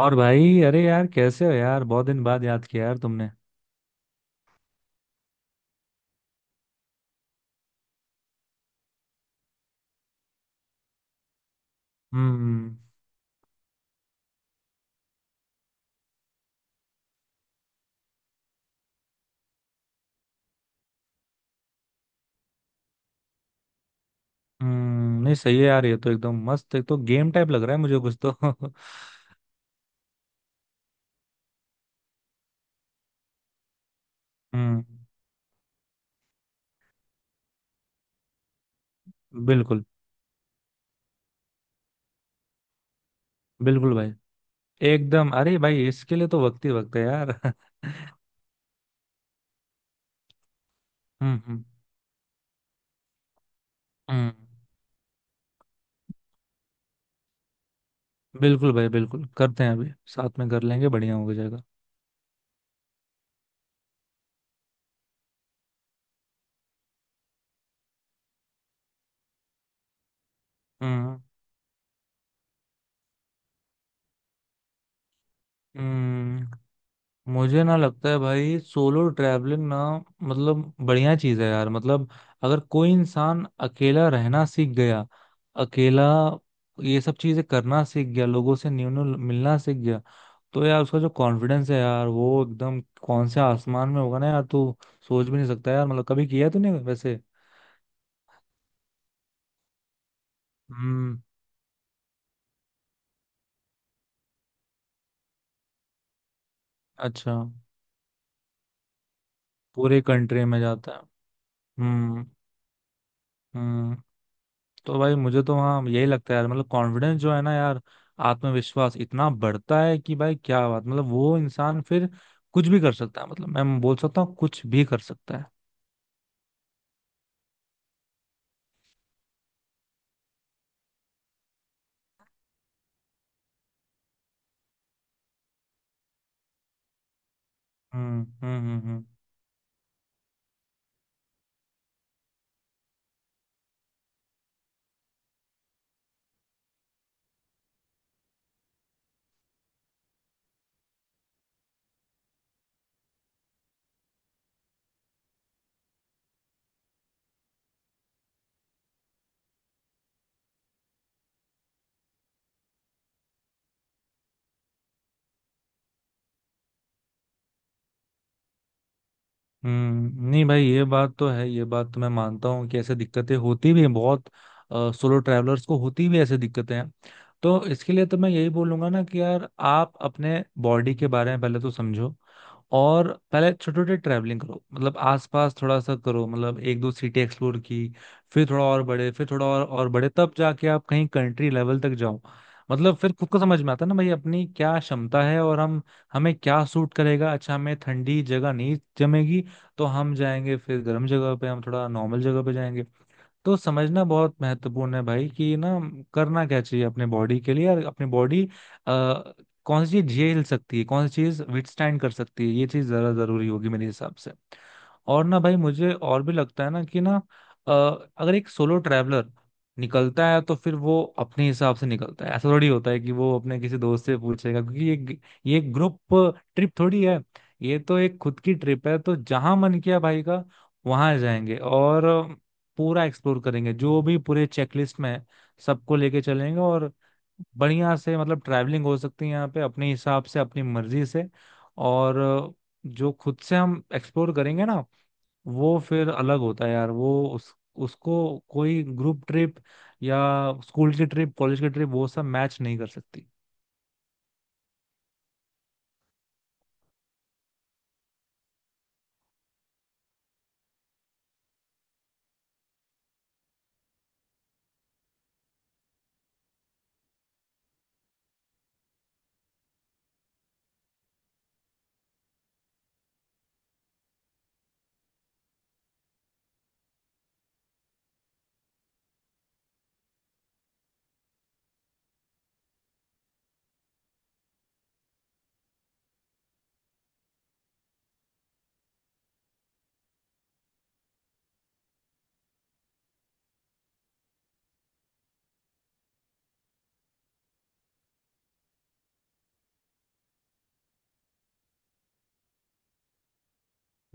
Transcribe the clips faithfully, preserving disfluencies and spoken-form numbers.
और भाई, अरे यार, कैसे हो यार? बहुत दिन बाद याद किया यार तुमने। हम्म। हम्म। नहीं, सही है यार, ये तो एकदम मस्त। एक तो गेम टाइप लग रहा है मुझे कुछ तो। हम्म। बिल्कुल। बिल्कुल भाई। एकदम! अरे भाई, इसके लिए तो वक्त ही वक्त है यार। हम्म। हम्म। हम्म। बिल्कुल भाई, बिल्कुल करते हैं, अभी साथ में कर लेंगे, बढ़िया हो जाएगा। हम्म हम्म मुझे ना लगता है भाई, सोलो ट्रैवलिंग ना, मतलब बढ़िया चीज है यार, मतलब। अगर कोई इंसान अकेला रहना सीख गया, अकेला ये सब चीजें करना सीख गया, लोगों से न्यू न्यू मिलना सीख गया, तो यार उसका जो कॉन्फिडेंस है यार, वो एकदम कौन से आसमान में होगा ना यार, तू सोच भी नहीं सकता यार। मतलब कभी किया है तूने वैसे? हम्म। अच्छा। पूरे कंट्री में जाता है? हम्म। हम्म। तो भाई मुझे तो वहाँ यही लगता है यार, मतलब कॉन्फिडेंस जो है ना यार, आत्मविश्वास इतना बढ़ता है कि भाई क्या बात! मतलब वो इंसान फिर कुछ भी कर सकता है, मतलब मैं बोल सकता हूँ कुछ भी कर सकता है। हम्म। हम्म। हम्म। हम्म। हम्म, नहीं भाई, ये बात तो है, ये बात तो मैं मानता हूँ कि ऐसे दिक्कतें होती भी हैं बहुत। सोलो ट्रैवलर्स को होती भी ऐसे दिक्कतें हैं। तो इसके लिए तो मैं यही बोलूंगा ना कि यार आप अपने बॉडी के बारे में पहले तो समझो, और पहले छोटे छोटे ट्रैवलिंग करो, मतलब आसपास थोड़ा सा करो, मतलब एक दो सिटी एक्सप्लोर की, फिर थोड़ा और बड़े, फिर थोड़ा और और बड़े, तब जाके आप कहीं कंट्री लेवल तक जाओ। मतलब फिर खुद को समझ में आता है ना भाई अपनी क्या क्षमता है, और हम हमें क्या सूट करेगा। अच्छा, हमें ठंडी जगह नहीं जमेगी तो हम जाएंगे फिर गर्म जगह पे, हम थोड़ा नॉर्मल जगह पे जाएंगे। तो समझना बहुत महत्वपूर्ण है भाई कि ना करना क्या चाहिए अपने बॉडी के लिए, और अपनी बॉडी अ, कौन सी चीज झेल सकती है, कौन सी चीज विथस्टैंड कर सकती है, ये चीज जरा जरूरी होगी मेरे हिसाब से। और ना भाई मुझे और भी लगता है ना कि ना, अ, अगर एक सोलो ट्रैवलर निकलता है तो फिर वो अपने हिसाब से निकलता है, ऐसा थोड़ी होता है कि वो अपने किसी दोस्त से पूछेगा, क्योंकि ये ये ग्रुप ट्रिप थोड़ी है। ये तो एक खुद की ट्रिप है, तो जहां मन किया भाई का वहां जाएंगे और पूरा एक्सप्लोर करेंगे जो भी पूरे चेकलिस्ट में है, सबको लेके चलेंगे। और बढ़िया से मतलब ट्रैवलिंग हो सकती है यहाँ पे अपने हिसाब से, अपनी मर्जी से। और जो खुद से हम एक्सप्लोर करेंगे ना, वो फिर अलग होता है यार, वो उस उसको कोई ग्रुप ट्रिप या स्कूल की ट्रिप, कॉलेज की ट्रिप, वो सब मैच नहीं कर सकती।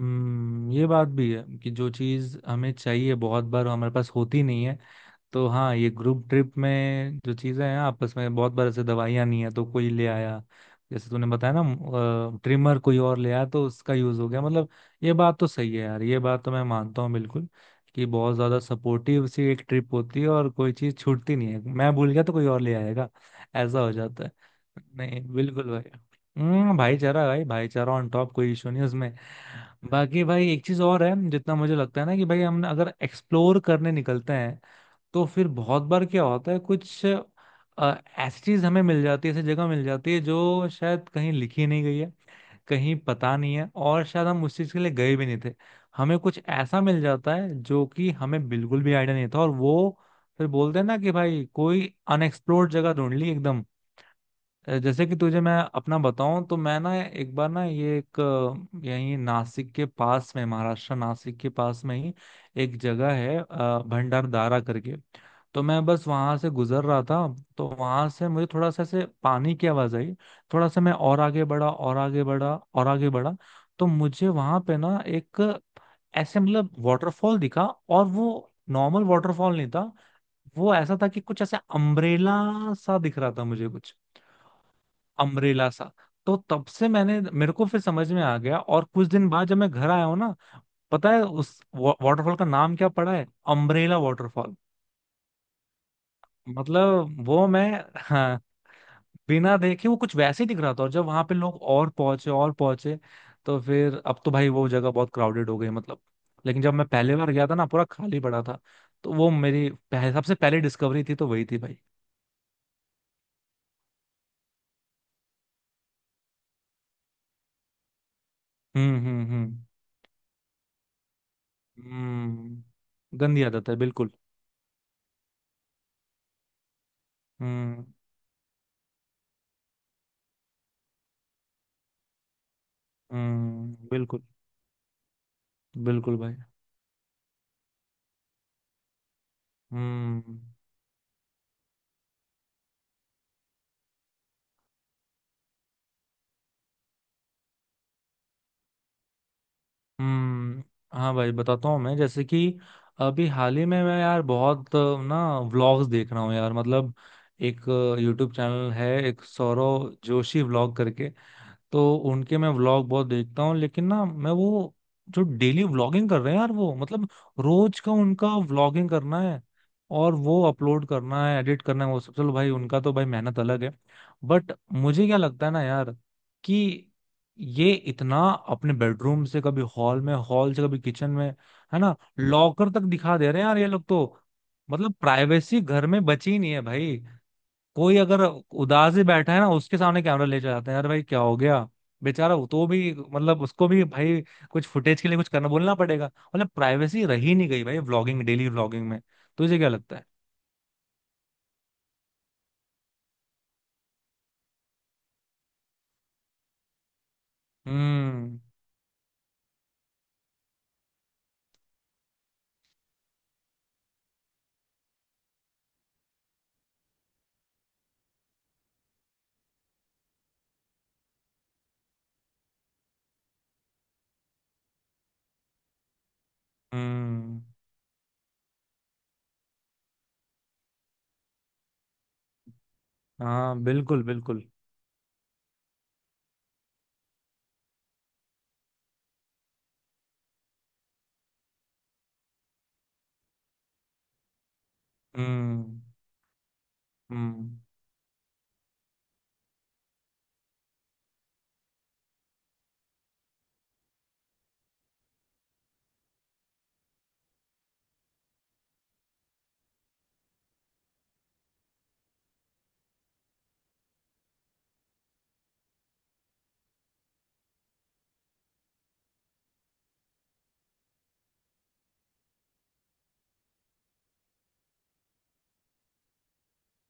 हम्म। ये बात भी है कि जो चीज़ हमें चाहिए बहुत बार हमारे पास होती नहीं है। तो हाँ, ये ग्रुप ट्रिप में जो चीज़ें हैं आपस में, बहुत बार ऐसे दवाइयाँ नहीं है तो कोई ले आया, जैसे तूने बताया ना, ट्रिमर कोई और ले आया तो उसका यूज हो गया, मतलब ये बात तो सही है यार, ये बात तो मैं मानता हूँ बिल्कुल। कि बहुत ज्यादा सपोर्टिव सी एक ट्रिप होती है, और कोई चीज छूटती नहीं है, मैं भूल गया तो कोई और ले आएगा। ऐसा हो जाता है। नहीं, बिल्कुल भाई। हम्म, भाईचारा भाई, भाईचारा ऑन टॉप, कोई इशू नहीं उसमें। बाकी भाई एक चीज और है, जितना मुझे लगता है ना, कि भाई हम अगर एक्सप्लोर करने निकलते हैं, तो फिर बहुत बार क्या होता है, कुछ ऐसी चीज हमें मिल जाती है, ऐसी जगह मिल जाती है जो शायद कहीं लिखी नहीं गई है, कहीं पता नहीं है, और शायद हम उस चीज के लिए गए भी नहीं थे, हमें कुछ ऐसा मिल जाता है जो कि हमें बिल्कुल भी आइडिया नहीं था, और वो फिर बोलते हैं ना कि भाई कोई अनएक्सप्लोर्ड जगह ढूंढ ली एकदम। अ, जैसे कि तुझे मैं अपना बताऊं तो मैं ना एक बार ना ये एक अ, यही नासिक के पास में, महाराष्ट्र, नासिक के पास में ही एक जगह है, अ, भंडारदारा करके। तो मैं बस वहां से गुजर रहा था, तो वहां से मुझे थोड़ा सा ऐसे पानी की आवाज आई, थोड़ा सा मैं और आगे बढ़ा, और आगे बढ़ा, और आगे बढ़ा, तो मुझे वहां पे ना एक ऐसे मतलब वाटरफॉल दिखा, और वो नॉर्मल वाटरफॉल नहीं था। वो ऐसा था कि कुछ ऐसे अम्ब्रेला सा दिख रहा था मुझे, कुछ अम्ब्रेला सा। तो तब से मैंने, मेरे को फिर समझ में आ गया, और कुछ दिन बाद जब मैं घर आया हूँ ना, पता है उस वा, वाटरफॉल का नाम क्या पड़ा है? Umbrella waterfall. मतलब वो मैं, हाँ, बिना देखे वो कुछ वैसे ही दिख रहा था, और जब वहां पे लोग और पहुंचे और पहुंचे, तो फिर अब तो भाई वो जगह बहुत क्राउडेड हो गई मतलब। लेकिन जब मैं पहली बार गया था ना, पूरा खाली पड़ा था। तो वो मेरी पह, सबसे पहली डिस्कवरी थी, तो वही थी भाई। हम्म। हम्म। हम्म। हम्म, गंदी आदत है बिल्कुल। हम्म। हम्म। बिल्कुल बिल्कुल भाई। हम्म। हम्म। हाँ भाई, बताता हूँ मैं, जैसे कि अभी हाल ही में मैं यार बहुत अ, ना व्लॉग्स देख रहा हूँ यार, मतलब एक यूट्यूब चैनल है, एक सौरव जोशी व्लॉग करके। तो उनके मैं व्लॉग बहुत देखता हूँ, लेकिन ना मैं वो जो डेली व्लॉगिंग कर रहे हैं यार, वो मतलब रोज का उनका व्लॉगिंग करना है, और वो अपलोड करना है, एडिट करना है, वो सब चलो भाई, उनका तो भाई मेहनत अलग है। बट मुझे क्या लगता है ना यार, कि ये इतना अपने बेडरूम से कभी हॉल में, हॉल से कभी किचन में, है ना, लॉकर तक दिखा दे रहे हैं यार ये लोग तो। मतलब प्राइवेसी घर में बची ही नहीं है भाई। कोई अगर उदास ही बैठा है ना, उसके सामने कैमरा ले जाते हैं यार, भाई क्या हो गया, बेचारा वो, तो भी मतलब उसको भी भाई कुछ फुटेज के लिए कुछ करना बोलना पड़ेगा। मतलब प्राइवेसी रही नहीं गई भाई व्लॉगिंग, डेली व्लॉगिंग में। तुझे क्या लगता है? हम्म। हम्म। हाँ, बिल्कुल बिल्कुल। हम्म। हम्म।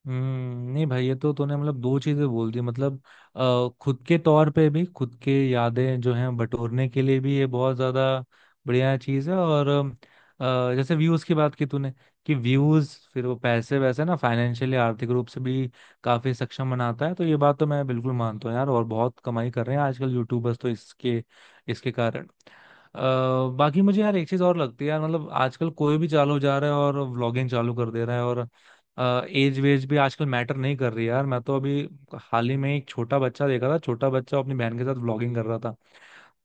हम्म। नहीं भाई, ये तो तूने मतलब दो चीजें बोल दी मतलब, आ, खुद के तौर पे भी, खुद के यादें जो हैं बटोरने के लिए भी ये बहुत ज्यादा बढ़िया चीज है। और अ, जैसे व्यूज की बात की तूने, कि व्यूज फिर वो पैसे वैसे ना, फाइनेंशियली, आर्थिक रूप से भी काफी सक्षम बनाता है। तो ये बात तो मैं बिल्कुल मानता हूँ यार, और बहुत कमाई कर रहे हैं आजकल यूट्यूबर्स तो इसके इसके कारण। अ, बाकी मुझे यार एक चीज और लगती है यार, मतलब आजकल कोई भी चालू जा रहा है और व्लॉगिंग चालू कर दे रहा है, और एज वेज भी आजकल मैटर नहीं कर रही है यार, मैं तो अभी हाल ही में एक छोटा बच्चा देखा था, छोटा बच्चा अपनी बहन के साथ व्लॉगिंग कर रहा था।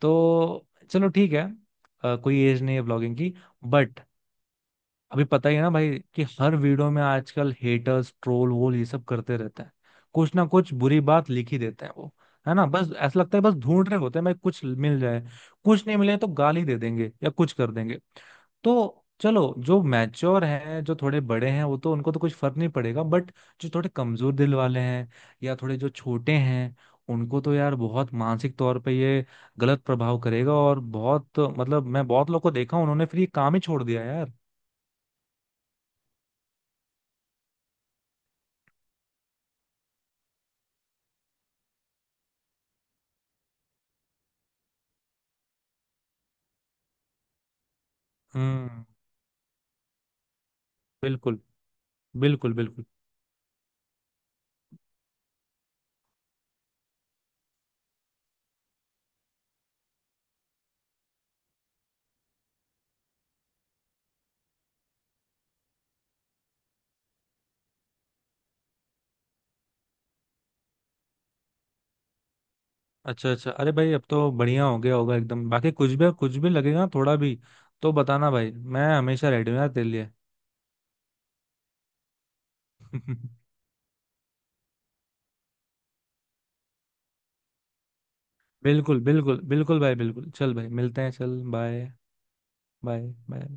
तो चलो ठीक है, अ, कोई एज नहीं है व्लॉगिंग की, बट अभी पता ही है ना भाई कि हर वीडियो में आजकल हेटर्स, ट्रोल वोल, ये सब करते रहते हैं, कुछ ना कुछ बुरी बात लिख ही देते हैं वो, है ना? बस ऐसा लगता है, बस ढूंढ रहे होते हैं भाई कुछ मिल जाए, कुछ नहीं मिले तो गाली दे देंगे या कुछ कर देंगे। तो चलो जो मैच्योर हैं, जो थोड़े बड़े हैं वो तो, उनको तो कुछ फर्क नहीं पड़ेगा, बट जो थोड़े कमजोर दिल वाले हैं या थोड़े जो छोटे हैं, उनको तो यार बहुत मानसिक तौर पे ये गलत प्रभाव करेगा, और बहुत मतलब मैं बहुत लोग को देखा उन्होंने फिर ये काम ही छोड़ दिया यार। हम्म। बिल्कुल। बिल्कुल बिल्कुल। अच्छा अच्छा। अरे भाई अब तो बढ़िया हो गया होगा एकदम, बाकी कुछ भी, कुछ भी लगेगा थोड़ा भी तो बताना भाई, मैं हमेशा रेडी हूँ यार तेरे लिए। बिल्कुल बिल्कुल बिल्कुल भाई, बिल्कुल चल भाई, मिलते हैं, चल बाय, बाय बाय।